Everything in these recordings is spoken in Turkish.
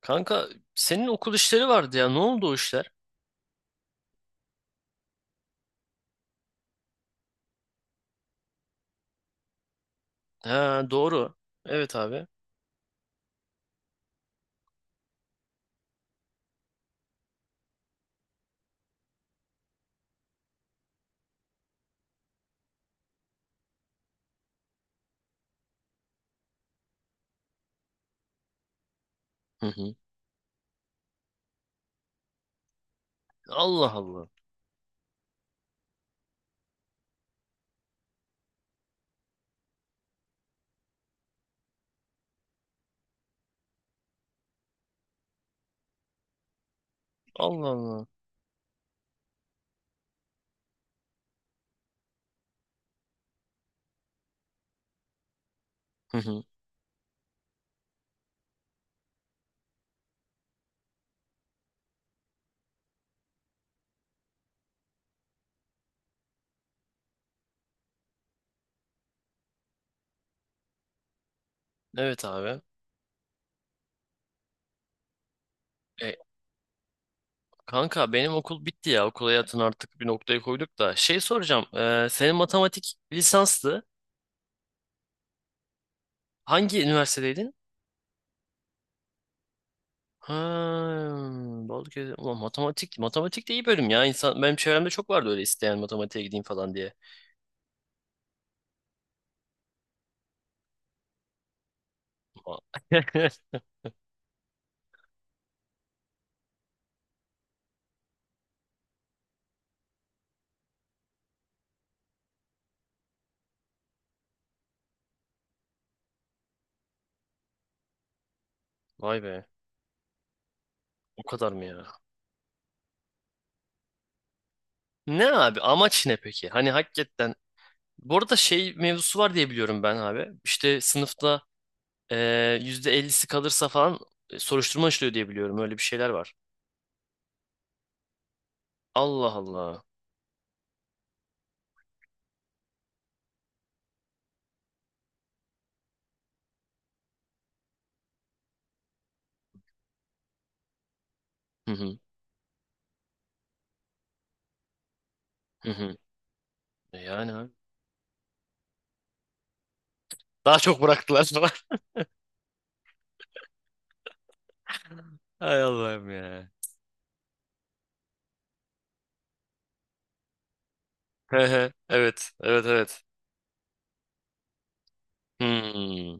Kanka senin okul işleri vardı ya. Ne oldu o işler? Ha doğru. Evet abi. Hı hı. Allah Allah. Allah Allah. Hı hı. Evet abi. E, Kanka benim okul bitti ya. Okul hayatını artık bir noktaya koyduk da. Şey soracağım. Senin matematik lisanstı. Hangi üniversitedeydin? Ha, Balıkesir. Ulan matematik. Matematik de iyi bölüm ya. İnsan, benim çevremde çok vardı öyle isteyen matematiğe gideyim falan diye. Vay be. O kadar mı ya? Ne abi amaç ne peki? Hani hakikaten bu arada şey mevzusu var diye biliyorum ben abi. İşte sınıfta %50'si kalırsa falan soruşturma açılıyor diye biliyorum. Öyle bir şeyler var. Allah Allah. Hı hı. Hı hı. Yani abi. Daha çok bıraktılar falan. Hay Allah'ım ya. He he. Evet. Evet evet. Hmm.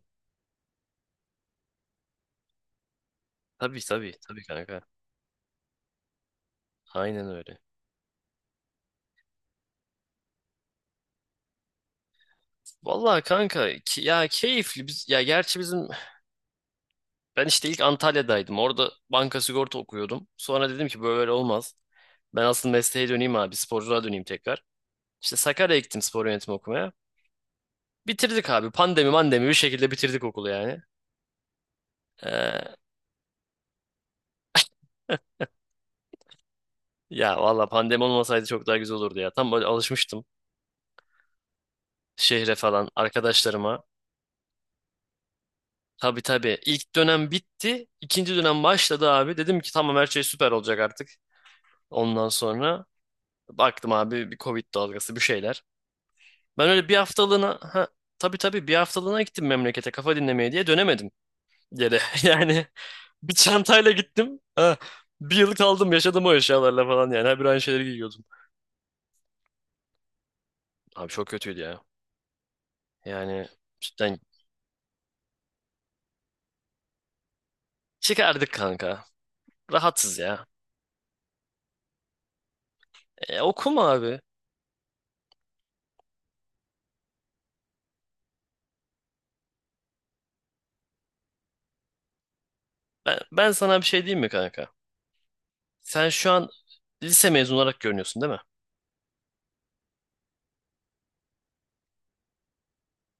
Tabii tabii. Tabii kanka. Aynen öyle. Vallahi kanka ya keyifli biz ya gerçi bizim ben işte ilk Antalya'daydım. Orada banka sigorta okuyordum. Sonra dedim ki böyle olmaz. Ben asıl mesleğe döneyim abi sporculuğa döneyim tekrar. İşte Sakarya'ya gittim spor yönetimi okumaya. Bitirdik abi. Pandemi mandemi bir şekilde bitirdik okulu yani. Ee, Ya valla pandemi olmasaydı çok daha güzel olurdu ya. Tam böyle alışmıştım şehre falan arkadaşlarıma. Tabii tabii. İlk dönem bitti. İkinci dönem başladı abi. Dedim ki tamam her şey süper olacak artık. Ondan sonra baktım abi bir Covid dalgası bir şeyler. Ben öyle bir haftalığına ha, tabii tabii bir haftalığına gittim memlekete kafa dinlemeye diye dönemedim geri. Yani bir çantayla gittim. Ha, bir yıl kaldım yaşadım o eşyalarla falan yani. Her bir aynı şeyleri giyiyordum. Abi çok kötüydü ya. Yani cidden çıkardık kanka. Rahatsız ya. E, okuma abi. Ben sana bir şey diyeyim mi kanka? Sen şu an lise mezunu olarak görünüyorsun değil mi?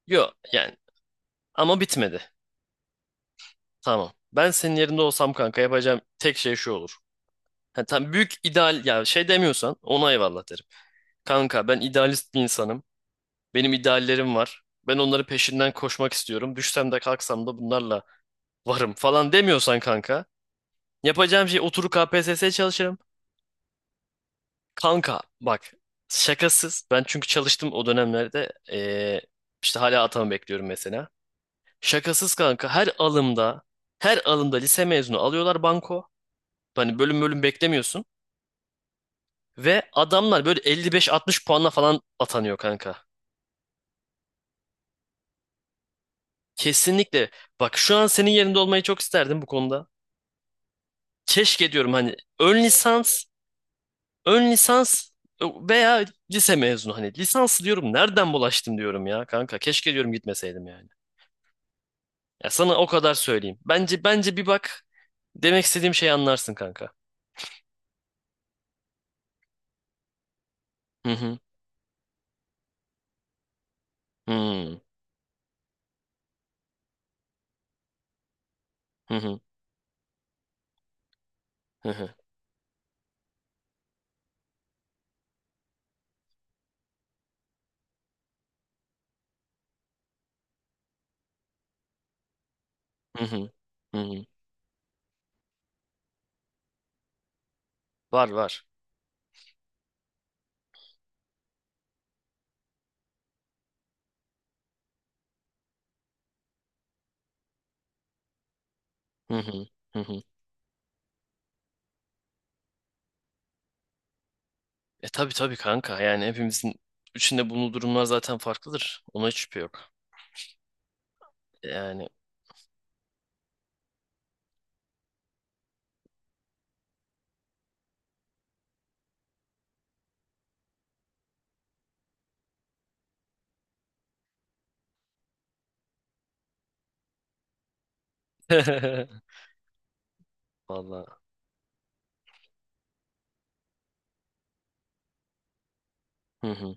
Yok yani ama bitmedi. Tamam. Ben senin yerinde olsam kanka yapacağım tek şey şu olur. Ha, tam büyük ideal ya şey demiyorsan ona eyvallah derim. Kanka ben idealist bir insanım. Benim ideallerim var. Ben onları peşinden koşmak istiyorum. Düşsem de kalksam da bunlarla varım falan demiyorsan kanka. Yapacağım şey oturup KPSS'ye çalışırım. Kanka bak şakasız. Ben çünkü çalıştım o dönemlerde. İşte hala atamı bekliyorum mesela. Şakasız kanka her alımda her alımda lise mezunu alıyorlar banko. Hani bölüm bölüm beklemiyorsun. Ve adamlar böyle 55-60 puanla falan atanıyor kanka. Kesinlikle. Bak şu an senin yerinde olmayı çok isterdim bu konuda. Keşke diyorum hani ön lisans, ön lisans veya lise mezunu hani lisans diyorum nereden bulaştım diyorum ya kanka keşke diyorum gitmeseydim yani. Ya sana o kadar söyleyeyim. Bence bir bak demek istediğim şeyi anlarsın kanka. Hı hı. Hmm. Hı hı. Hı hı. Hı hı. Hı hı. Var var. Hı hı. Hı hı. Tabii tabii kanka yani hepimizin içinde bulunduğu durumlar zaten farklıdır. Ona hiç şüphe yok. Yani. Vallahi. Hı hı.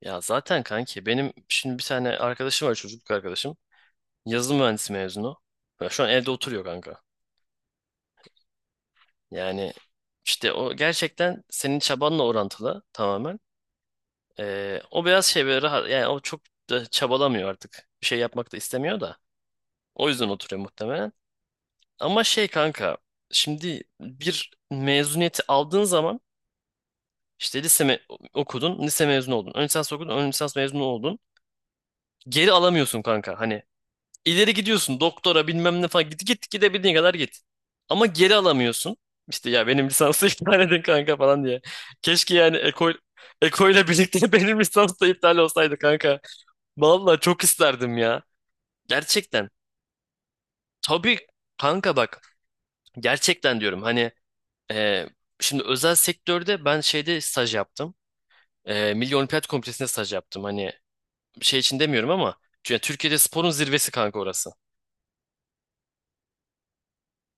Ya zaten kanki benim şimdi bir tane arkadaşım var çocukluk arkadaşım. Yazılım mühendisi mezunu. Ya şu an evde oturuyor kanka. Yani işte o gerçekten senin çabanla orantılı tamamen. O biraz şey böyle rahat yani o çok da çabalamıyor artık. Bir şey yapmak da istemiyor da. O yüzden oturuyor muhtemelen. Ama şey kanka şimdi bir mezuniyeti aldığın zaman işte okudun, lise mezunu oldun. Ön lisans okudun, ön lisans mezunu oldun. Geri alamıyorsun kanka. Hani İleri gidiyorsun doktora bilmem ne falan git git gidebildiğin kadar git. Ama geri alamıyorsun. İşte ya benim lisansı iptal edin kanka falan diye. Keşke yani Eko ile birlikte benim lisans da iptal olsaydı kanka. Vallahi çok isterdim ya. Gerçekten. Tabii kanka bak gerçekten diyorum hani e, şimdi özel sektörde ben şeyde staj yaptım. Milli Olimpiyat Komitesi'nde staj yaptım. Hani şey için demiyorum ama yani Türkiye'de sporun zirvesi kanka orası.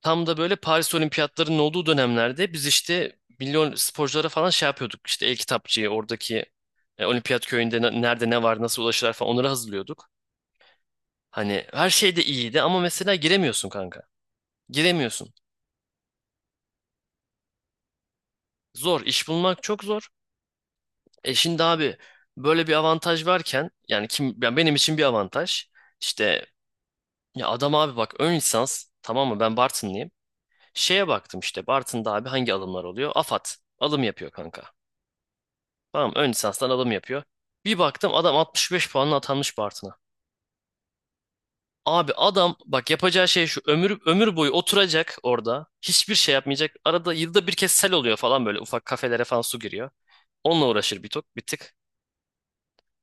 Tam da böyle Paris Olimpiyatlarının olduğu dönemlerde biz işte milyon sporculara falan şey yapıyorduk. İşte el-kitapçıyı oradaki olimpiyat köyünde nerede ne var nasıl ulaşırlar falan onları hazırlıyorduk. Hani her şey de iyiydi ama mesela giremiyorsun kanka. Giremiyorsun. Zor. İş bulmak çok zor. Şimdi abi böyle bir avantaj varken yani kim yani benim için bir avantaj. İşte ya adam abi bak ön lisans tamam mı ben Bartınlıyım. Şeye baktım işte Bartın'da abi hangi alımlar oluyor? AFAD alım yapıyor kanka. Tamam ön lisanstan adam yapıyor. Bir baktım adam 65 puanla atanmış Bartın'a. Abi adam bak yapacağı şey şu ömür ömür boyu oturacak orada. Hiçbir şey yapmayacak. Arada yılda bir kez sel oluyor falan böyle ufak kafelere falan su giriyor. Onunla uğraşır bir tok bir tık.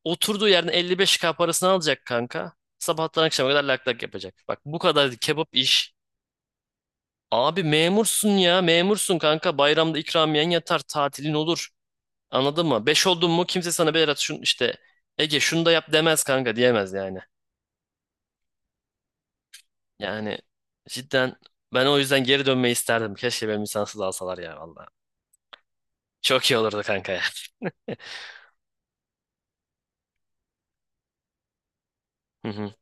Oturduğu yerden 55K parasını alacak kanka. Sabahtan akşama kadar lak lak yapacak. Bak bu kadar kebap iş. Abi memursun ya memursun kanka. Bayramda ikramiyen yatar tatilin olur. Anladın mı? Beş oldun mu kimse sana Berat şun işte Ege şunu da yap demez kanka diyemez yani. Yani cidden ben o yüzden geri dönmeyi isterdim. Keşke benim lisansı da alsalar ya valla. Çok iyi olurdu kanka ya. Hı hı,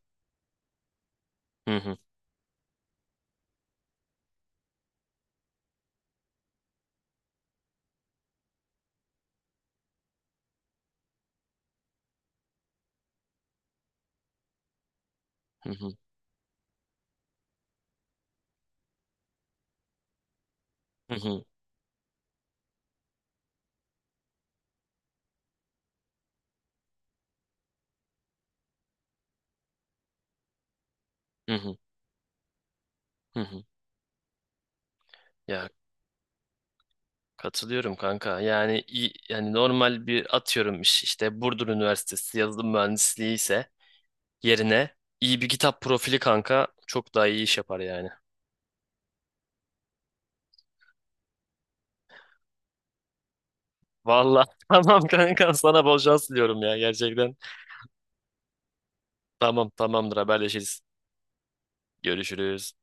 hı hı, hı hı, hı hı, hı hı, hı hı. Ya katılıyorum kanka. Yani yani normal bir atıyorum işte Burdur Üniversitesi yazılım mühendisliği ise yerine iyi bir kitap profili kanka çok daha iyi iş yapar yani. Valla tamam kanka sana bol şans diliyorum ya gerçekten. Tamam tamamdır haberleşiriz. Görüşürüz.